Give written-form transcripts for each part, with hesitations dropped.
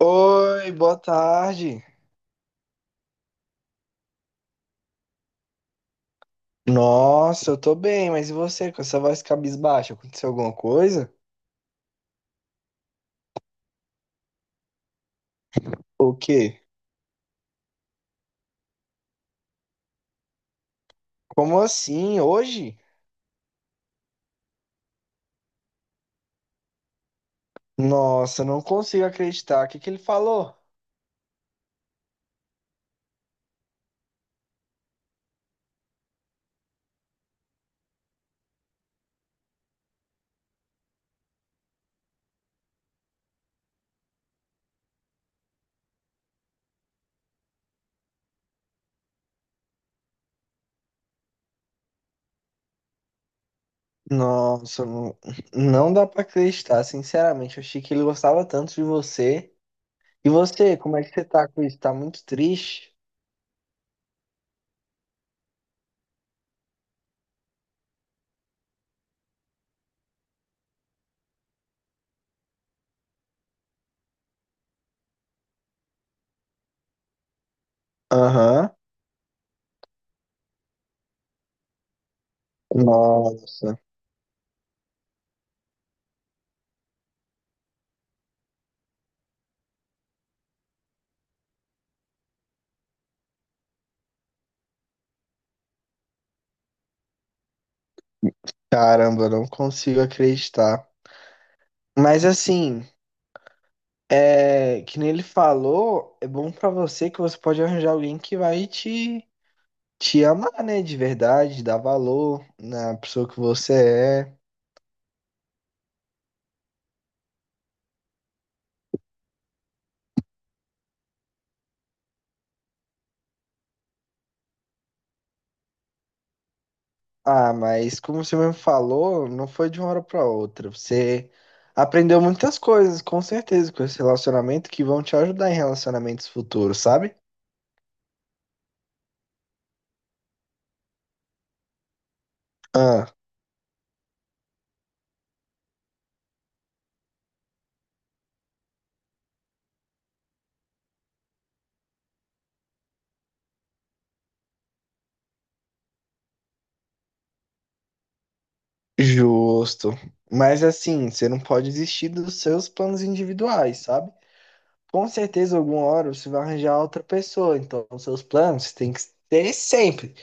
Oi, boa tarde. Nossa, eu tô bem, mas e você com essa voz cabisbaixa? Aconteceu alguma coisa? O quê? Como assim? Hoje? Nossa, eu não consigo acreditar. O que que ele falou? Nossa, não, não dá pra acreditar, sinceramente. Eu achei que ele gostava tanto de você. E você, como é que você tá com isso? Tá muito triste? Aham. Nossa, caramba, eu não consigo acreditar. Mas assim. É, que nem ele falou, é bom pra você que você pode arranjar alguém que vai te amar, né? De verdade, dar valor na pessoa que você é. Ah, mas como você mesmo falou, não foi de uma hora pra outra. Você aprendeu muitas coisas, com certeza, com esse relacionamento que vão te ajudar em relacionamentos futuros, sabe? Ah, justo. Mas assim, você não pode desistir dos seus planos individuais, sabe? Com certeza, alguma hora você vai arranjar outra pessoa. Então, os seus planos tem que ter sempre.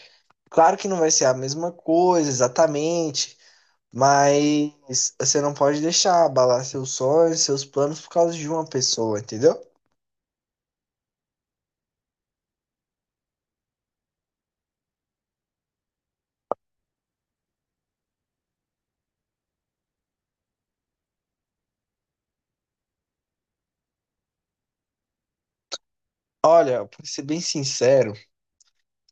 Claro que não vai ser a mesma coisa exatamente, mas você não pode deixar abalar seus sonhos, seus planos por causa de uma pessoa, entendeu? Olha, pra ser bem sincero,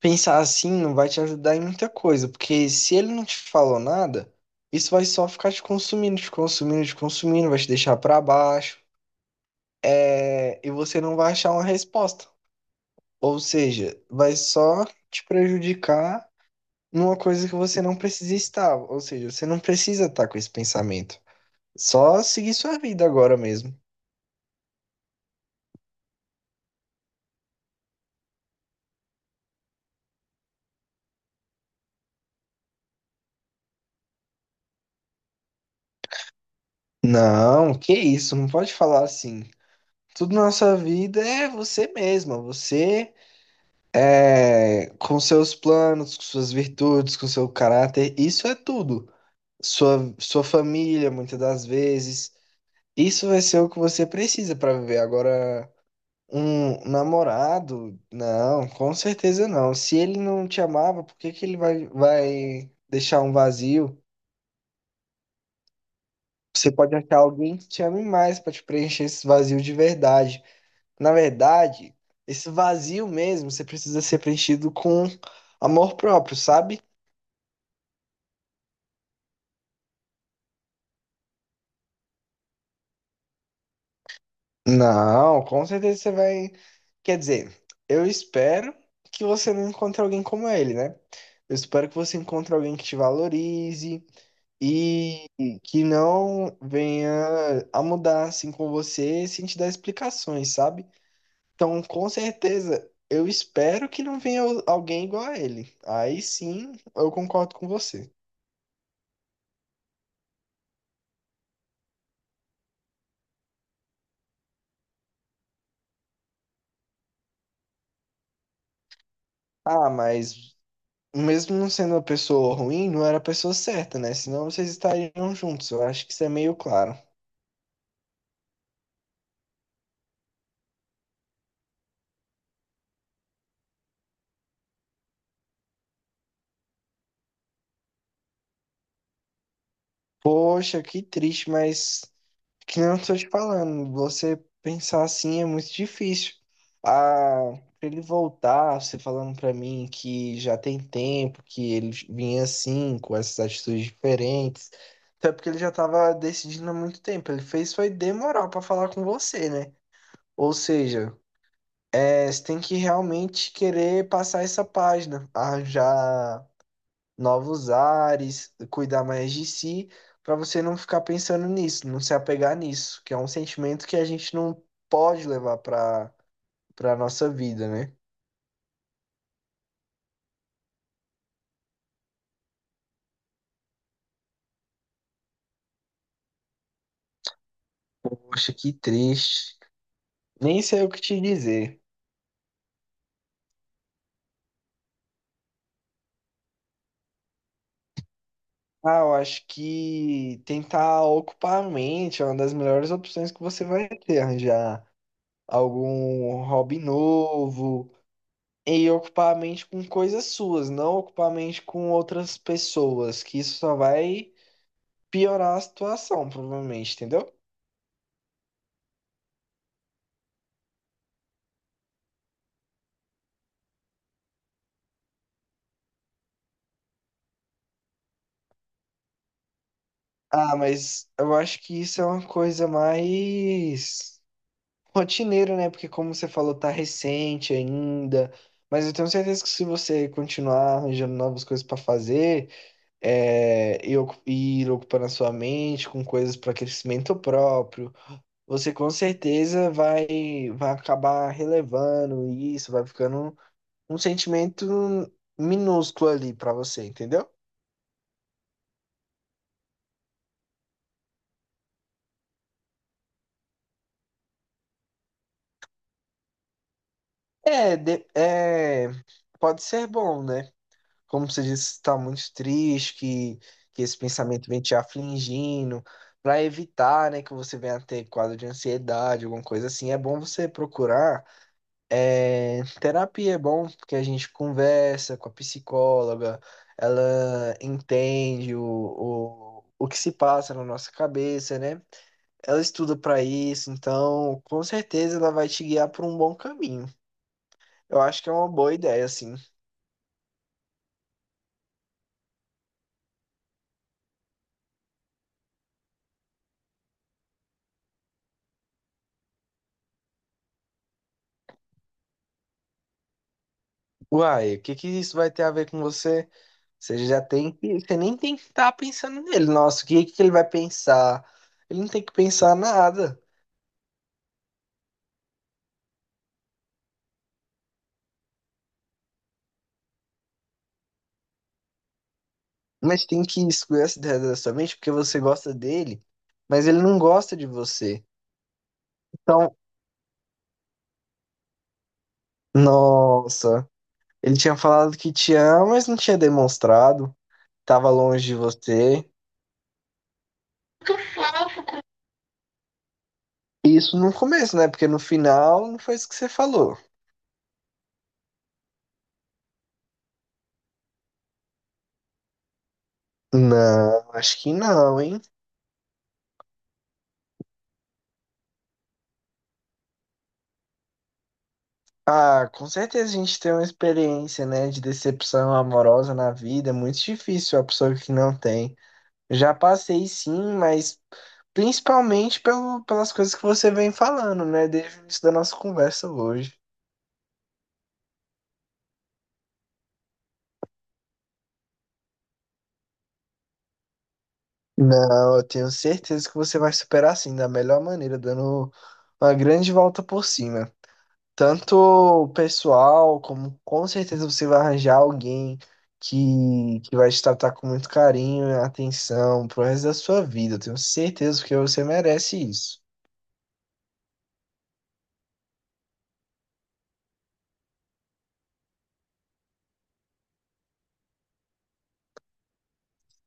pensar assim não vai te ajudar em muita coisa, porque se ele não te falou nada, isso vai só ficar te consumindo, te consumindo, te consumindo, vai te deixar pra baixo, é, e você não vai achar uma resposta. Ou seja, vai só te prejudicar numa coisa que você não precisa estar. Ou seja, você não precisa estar com esse pensamento. Só seguir sua vida agora mesmo. Não, que isso, não pode falar assim. Tudo na sua vida é você mesma, você é, com seus planos, com suas virtudes, com seu caráter, isso é tudo. Sua família, muitas das vezes, isso vai ser o que você precisa para viver. Agora, um namorado? Não, com certeza não. Se ele não te amava, por que que ele vai deixar um vazio? Você pode achar alguém que te ame mais para te preencher esse vazio de verdade. Na verdade, esse vazio mesmo, você precisa ser preenchido com amor próprio, sabe? Não, com certeza você vai. Quer dizer, eu espero que você não encontre alguém como ele, né? Eu espero que você encontre alguém que te valorize e que não venha a mudar assim com você sem te dar explicações, sabe? Então, com certeza, eu espero que não venha alguém igual a ele. Aí sim, eu concordo com você. Ah, mas mesmo não sendo uma pessoa ruim, não era a pessoa certa, né? Senão vocês estariam juntos. Eu acho que isso é meio claro. Poxa, que triste, mas que nem eu estou te falando, você pensar assim é muito difícil. Ah, pra ele voltar, você falando pra mim que já tem tempo, que ele vinha assim, com essas atitudes diferentes. Até porque ele já estava decidindo há muito tempo. Ele fez foi demorar pra falar com você, né? Ou seja, é, você tem que realmente querer passar essa página, arranjar novos ares, cuidar mais de si, para você não ficar pensando nisso, não se apegar nisso, que é um sentimento que a gente não pode levar para nossa vida, né? Poxa, que triste. Nem sei o que te dizer. Ah, eu acho que tentar ocupar a mente é uma das melhores opções que você vai ter, arranjar algum hobby novo e ocupar a mente com coisas suas, não ocupar a mente com outras pessoas, que isso só vai piorar a situação, provavelmente, entendeu? Ah, mas eu acho que isso é uma coisa mais rotineira, né? Porque como você falou, tá recente ainda. Mas eu tenho certeza que se você continuar arranjando novas coisas pra fazer, é, e ir ocupando a sua mente com coisas para crescimento próprio, você com certeza vai acabar relevando isso, vai ficando um sentimento minúsculo ali pra você, entendeu? É, é, pode ser bom, né? Como você disse, está muito triste, que esse pensamento vem te afligindo, para evitar, né, que você venha a ter quadro de ansiedade, alguma coisa assim. É bom você procurar. É, terapia é bom porque a gente conversa com a psicóloga, ela entende o que se passa na nossa cabeça, né? Ela estuda para isso, então com certeza ela vai te guiar por um bom caminho. Eu acho que é uma boa ideia, assim. Uai, o que que isso vai ter a ver com você? Você já tem que, você nem tem que estar pensando nele. Nossa, o que que ele vai pensar? Ele não tem que pensar nada. Mas tem que excluir essa ideia da sua mente porque você gosta dele, mas ele não gosta de você. Então, nossa, ele tinha falado que te ama, mas não tinha demonstrado. Tava longe de você. Isso no começo, né? Porque no final não foi isso que você falou. Não, acho que não, hein? Ah, com certeza a gente tem uma experiência, né, de decepção amorosa na vida, é muito difícil a pessoa que não tem. Já passei sim, mas principalmente pelo, pelas coisas que você vem falando, né, desde o início da nossa conversa hoje. Não, eu tenho certeza que você vai superar sim, da melhor maneira, dando uma grande volta por cima. Tanto o pessoal, como com certeza você vai arranjar alguém que vai te tratar com muito carinho e atenção pro resto da sua vida. Eu tenho certeza, porque você merece isso.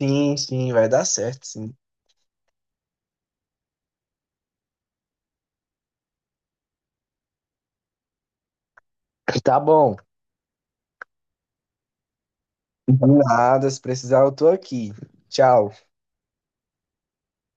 Sim, sim, vai dar certo, sim. Tá bom. De nada, se precisar, eu tô aqui. Tchau.